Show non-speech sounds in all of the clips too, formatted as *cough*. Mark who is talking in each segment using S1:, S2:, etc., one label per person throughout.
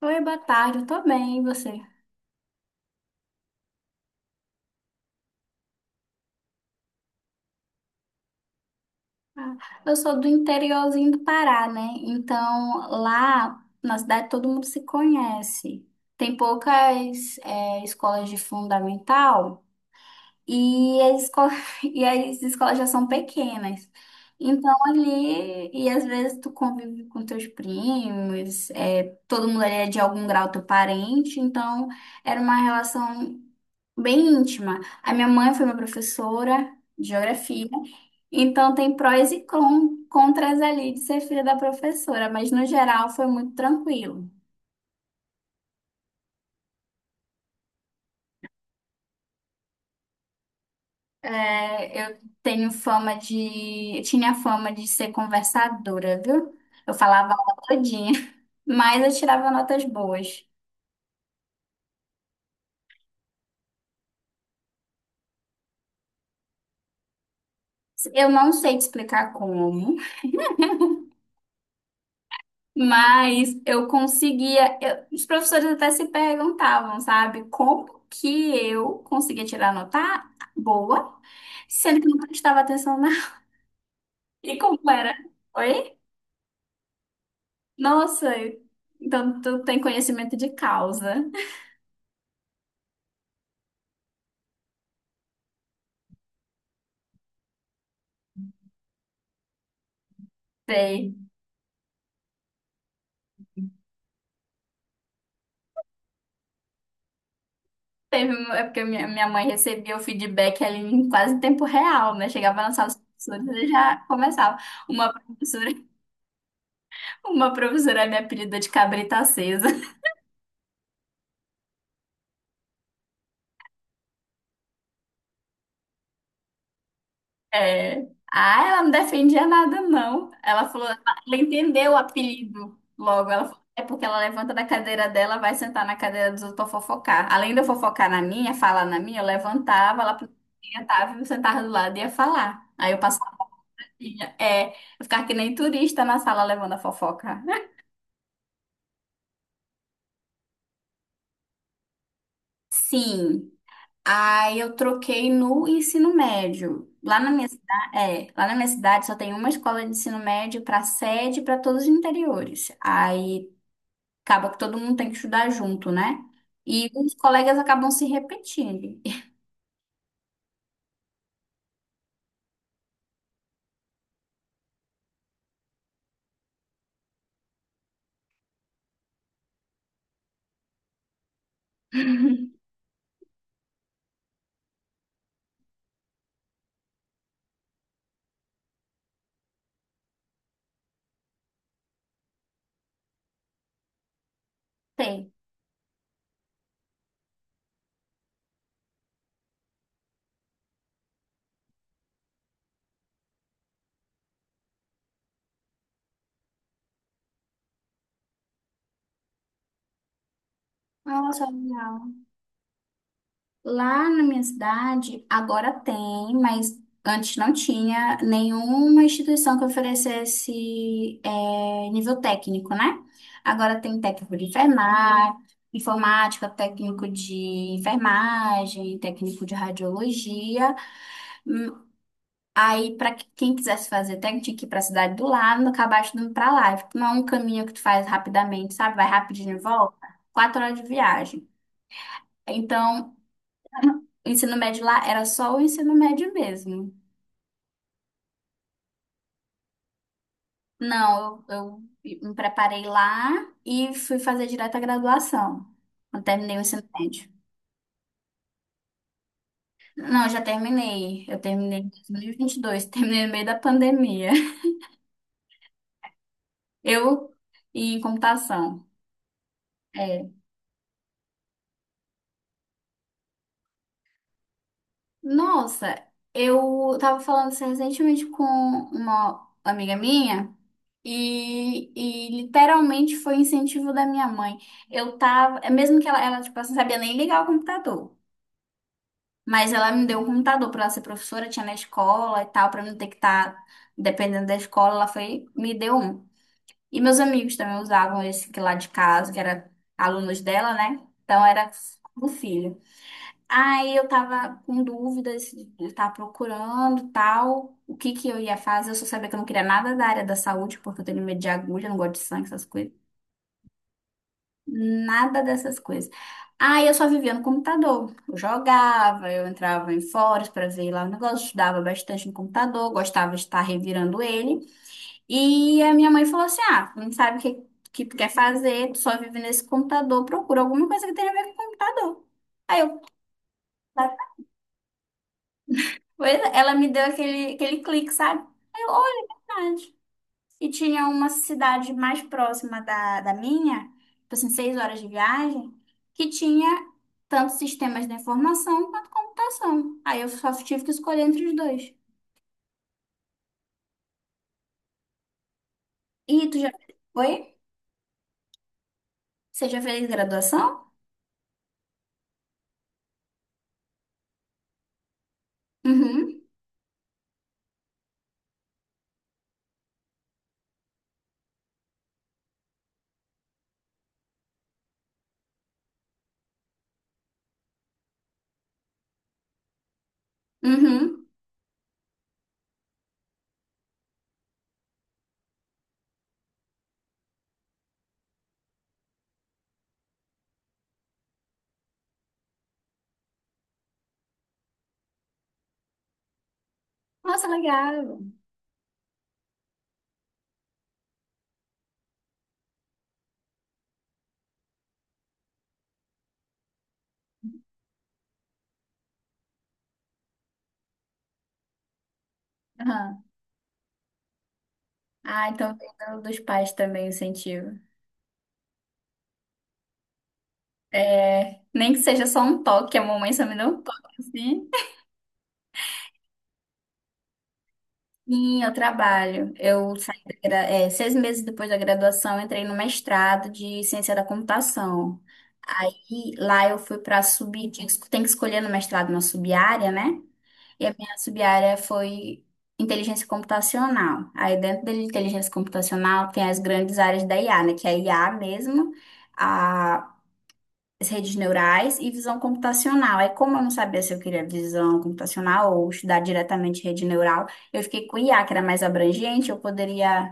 S1: Oi, boa tarde, eu tô bem, e você? Ah, eu sou do interiorzinho do Pará, né? Então, lá na cidade todo mundo se conhece. Tem poucas escolas de fundamental e as, esco- *laughs* e as escolas já são pequenas. Então, ali, e às vezes tu convive com teus primos, todo mundo ali é de algum grau teu parente, então era uma relação bem íntima. A minha mãe foi minha professora de geografia. Então tem prós e contras ali de ser filha da professora, mas no geral foi muito tranquilo. É, eu eu tinha fama de ser conversadora, viu? Eu falava a aula todinha, *laughs* mas eu tirava notas boas. Eu não sei te explicar como, mas eu conseguia. Os professores até se perguntavam, sabe, como que eu conseguia tirar nota boa, sendo que eu não prestava atenção na. *laughs* E como era? Oi? Nossa, então tu tem conhecimento de causa. Sei. É porque minha mãe recebia o feedback ali em quase tempo real, né? Chegava na sala dos professores e já começava. Uma professora, *laughs* uma professora me apelida de cabrita acesa. É. Ah, ela não defendia nada, não. Ela falou, ela entendeu o apelido logo. Ela falou, é porque ela levanta da cadeira dela, vai sentar na cadeira dos outros pra fofocar. Além de eu fofocar na minha, falar na minha, eu levantava, ela tava, eu sentava do lado e ia falar. Aí eu passava, a pilha. Eu ficava que nem turista na sala levando a fofoca. Sim. Aí eu troquei no ensino médio. Lá na minha cidade só tem uma escola de ensino médio para sede e para todos os interiores. Aí acaba que todo mundo tem que estudar junto, né? E os colegas acabam se repetindo. *laughs* Tem. Nossa, legal. Lá na minha cidade, agora tem, mas antes não tinha nenhuma instituição que oferecesse nível técnico, né? Agora tem técnico de enfermagem, informática, técnico de enfermagem, técnico de radiologia. Hum, Aí, para quem quisesse fazer técnico, tinha que ir para a cidade do lado, acabaste indo para lá. Tipo, não é um caminho que tu faz rapidamente, sabe? Vai rapidinho e volta. 4 horas de viagem. Então, o ensino médio lá era só o ensino médio mesmo. Não, eu me preparei lá e fui fazer direto a graduação. Não terminei o ensino médio. Não, eu já terminei. Eu terminei em 2022, *laughs* terminei no meio da pandemia. Eu em computação. É. Nossa, eu tava falando isso recentemente com uma amiga minha e literalmente foi incentivo da minha mãe. Eu tava, é mesmo que ela tipo, assim, não sabia nem ligar o computador. Mas ela me deu um computador para ela ser professora, tinha na escola e tal, para não ter que estar dependendo da escola, ela foi, me deu um. E meus amigos também usavam esse que lá de casa, que era alunos dela, né? Então era do filho. Aí eu tava com dúvidas, eu tava procurando tal, o que que eu ia fazer. Eu só sabia que eu não queria nada da área da saúde, porque eu tenho medo de agulha, não gosto de sangue, essas coisas. Nada dessas coisas. Aí eu só vivia no computador. Eu jogava, eu entrava em fóruns para ver lá o negócio, estudava bastante no computador, gostava de estar revirando ele. E a minha mãe falou assim: Ah, não sabe o que, que tu quer fazer, tu só vive nesse computador, procura alguma coisa que tenha a ver com computador. Aí eu, "Tá." Pois é, ela me deu aquele clique, sabe? Aí eu, olha, é verdade. E tinha uma cidade mais próxima da minha, tipo assim, 6 horas de viagem, que tinha tanto sistemas de informação quanto computação. Aí eu só tive que escolher entre os dois. E tu já foi? Você já fez graduação? Uhum. Uhum. Nossa, legal. Aham. Ah, então tem dos pais também o incentivo. É, nem que seja só um toque, a mamãe só me deu um toque, assim. Sim, eu trabalho. Eu saí da 6 meses depois da graduação, eu entrei no mestrado de ciência da computação. Aí lá eu fui para sub, tem que escolher no mestrado uma sub-área, né? E a minha sub-área foi inteligência computacional. Aí dentro da inteligência computacional tem as grandes áreas da IA, né? Que é a IA mesmo, as redes neurais e visão computacional. Aí, como eu não sabia se eu queria visão computacional ou estudar diretamente rede neural, eu fiquei com o IA, que era mais abrangente, eu poderia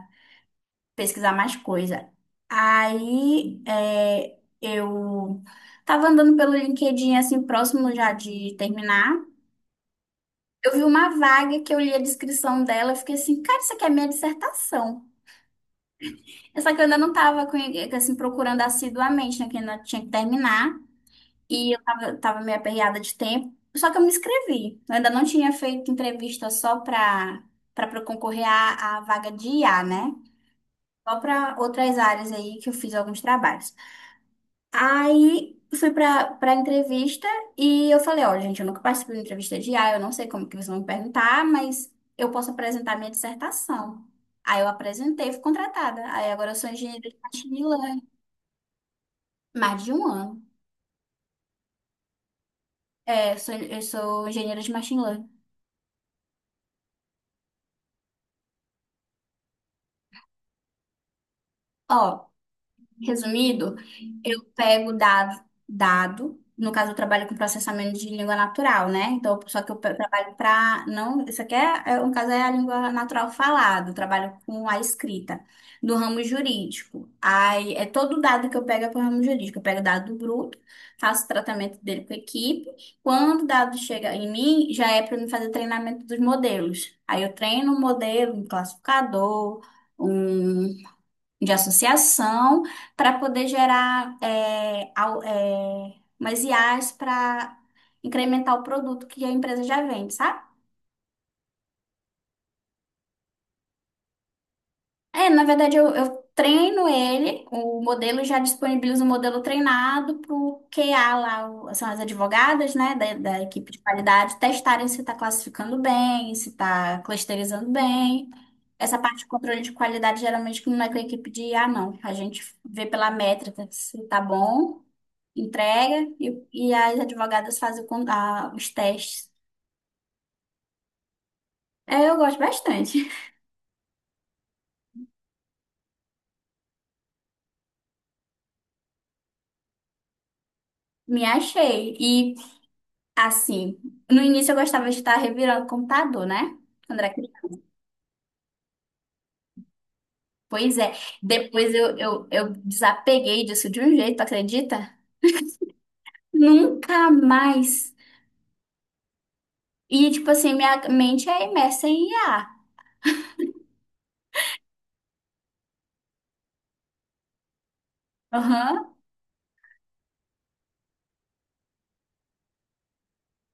S1: pesquisar mais coisa. Aí, eu estava andando pelo LinkedIn, assim, próximo já de terminar. Eu vi uma vaga que eu li a descrição dela, eu fiquei assim, cara, isso aqui é minha dissertação. Só que eu ainda não estava assim, procurando assiduamente, né? Que ainda tinha que terminar. E eu tava meio aperreada de tempo. Só que eu me inscrevi. Eu ainda não tinha feito entrevista só para concorrer à vaga de IA, né? Só para outras áreas aí que eu fiz alguns trabalhos. Aí fui para entrevista e eu falei, ó, gente, eu nunca participei de entrevista de IA, eu não sei como que vocês vão me perguntar, mas eu posso apresentar minha dissertação. Aí eu apresentei, e fui contratada. Aí agora eu sou engenheira de machine learning, mais de um ano. É, eu sou engenheira de machine learning. Ó, resumido, eu pego dado, no caso eu trabalho com processamento de língua natural, né? Então, só que eu trabalho para não, isso aqui é, no caso é a língua natural falada, eu trabalho com a escrita do ramo jurídico. Aí é todo dado que eu pego é para o ramo jurídico, eu pego dado bruto, faço tratamento dele com a equipe. Quando o dado chega em mim, já é para mim fazer treinamento dos modelos. Aí eu treino um modelo, um classificador, um de associação para poder gerar umas IAs para incrementar o produto que a empresa já vende, sabe? É, na verdade, eu treino ele, o modelo já disponibiliza o modelo treinado para o QA lá, são as advogadas, né, da equipe de qualidade, testarem se está classificando bem, se está clusterizando bem. Essa parte de controle de qualidade geralmente não é com a equipe de IA, não. A gente vê pela métrica se está bom, entrega, e as advogadas fazem os testes. É, eu gosto bastante. Me achei. E assim, no início eu gostava de estar revirando o computador, né? Quando era criança. Pois é. Depois eu desapeguei disso de um jeito, tu acredita? Nunca mais. E, tipo assim, minha mente é imersa em IA. Aham.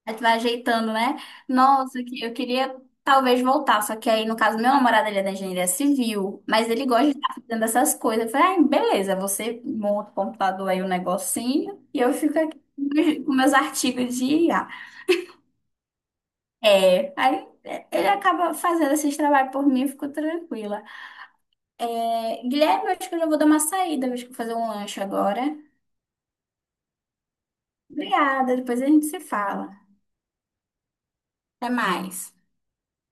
S1: Aí tu vai ajeitando, né? Nossa, eu queria talvez voltar. Só que aí, no caso, meu namorado, ele é da engenharia civil, mas ele gosta de estar fazendo essas coisas. Eu falei, ah, beleza, você monta o computador aí, um negocinho, e eu fico aqui com meus artigos de IA. É, aí é, ele acaba fazendo esses trabalhos por mim, eu fico tranquila. É, Guilherme, eu acho que eu já vou dar uma saída, eu acho que vou fazer um lanche agora. Obrigada, depois a gente se fala. Até mais.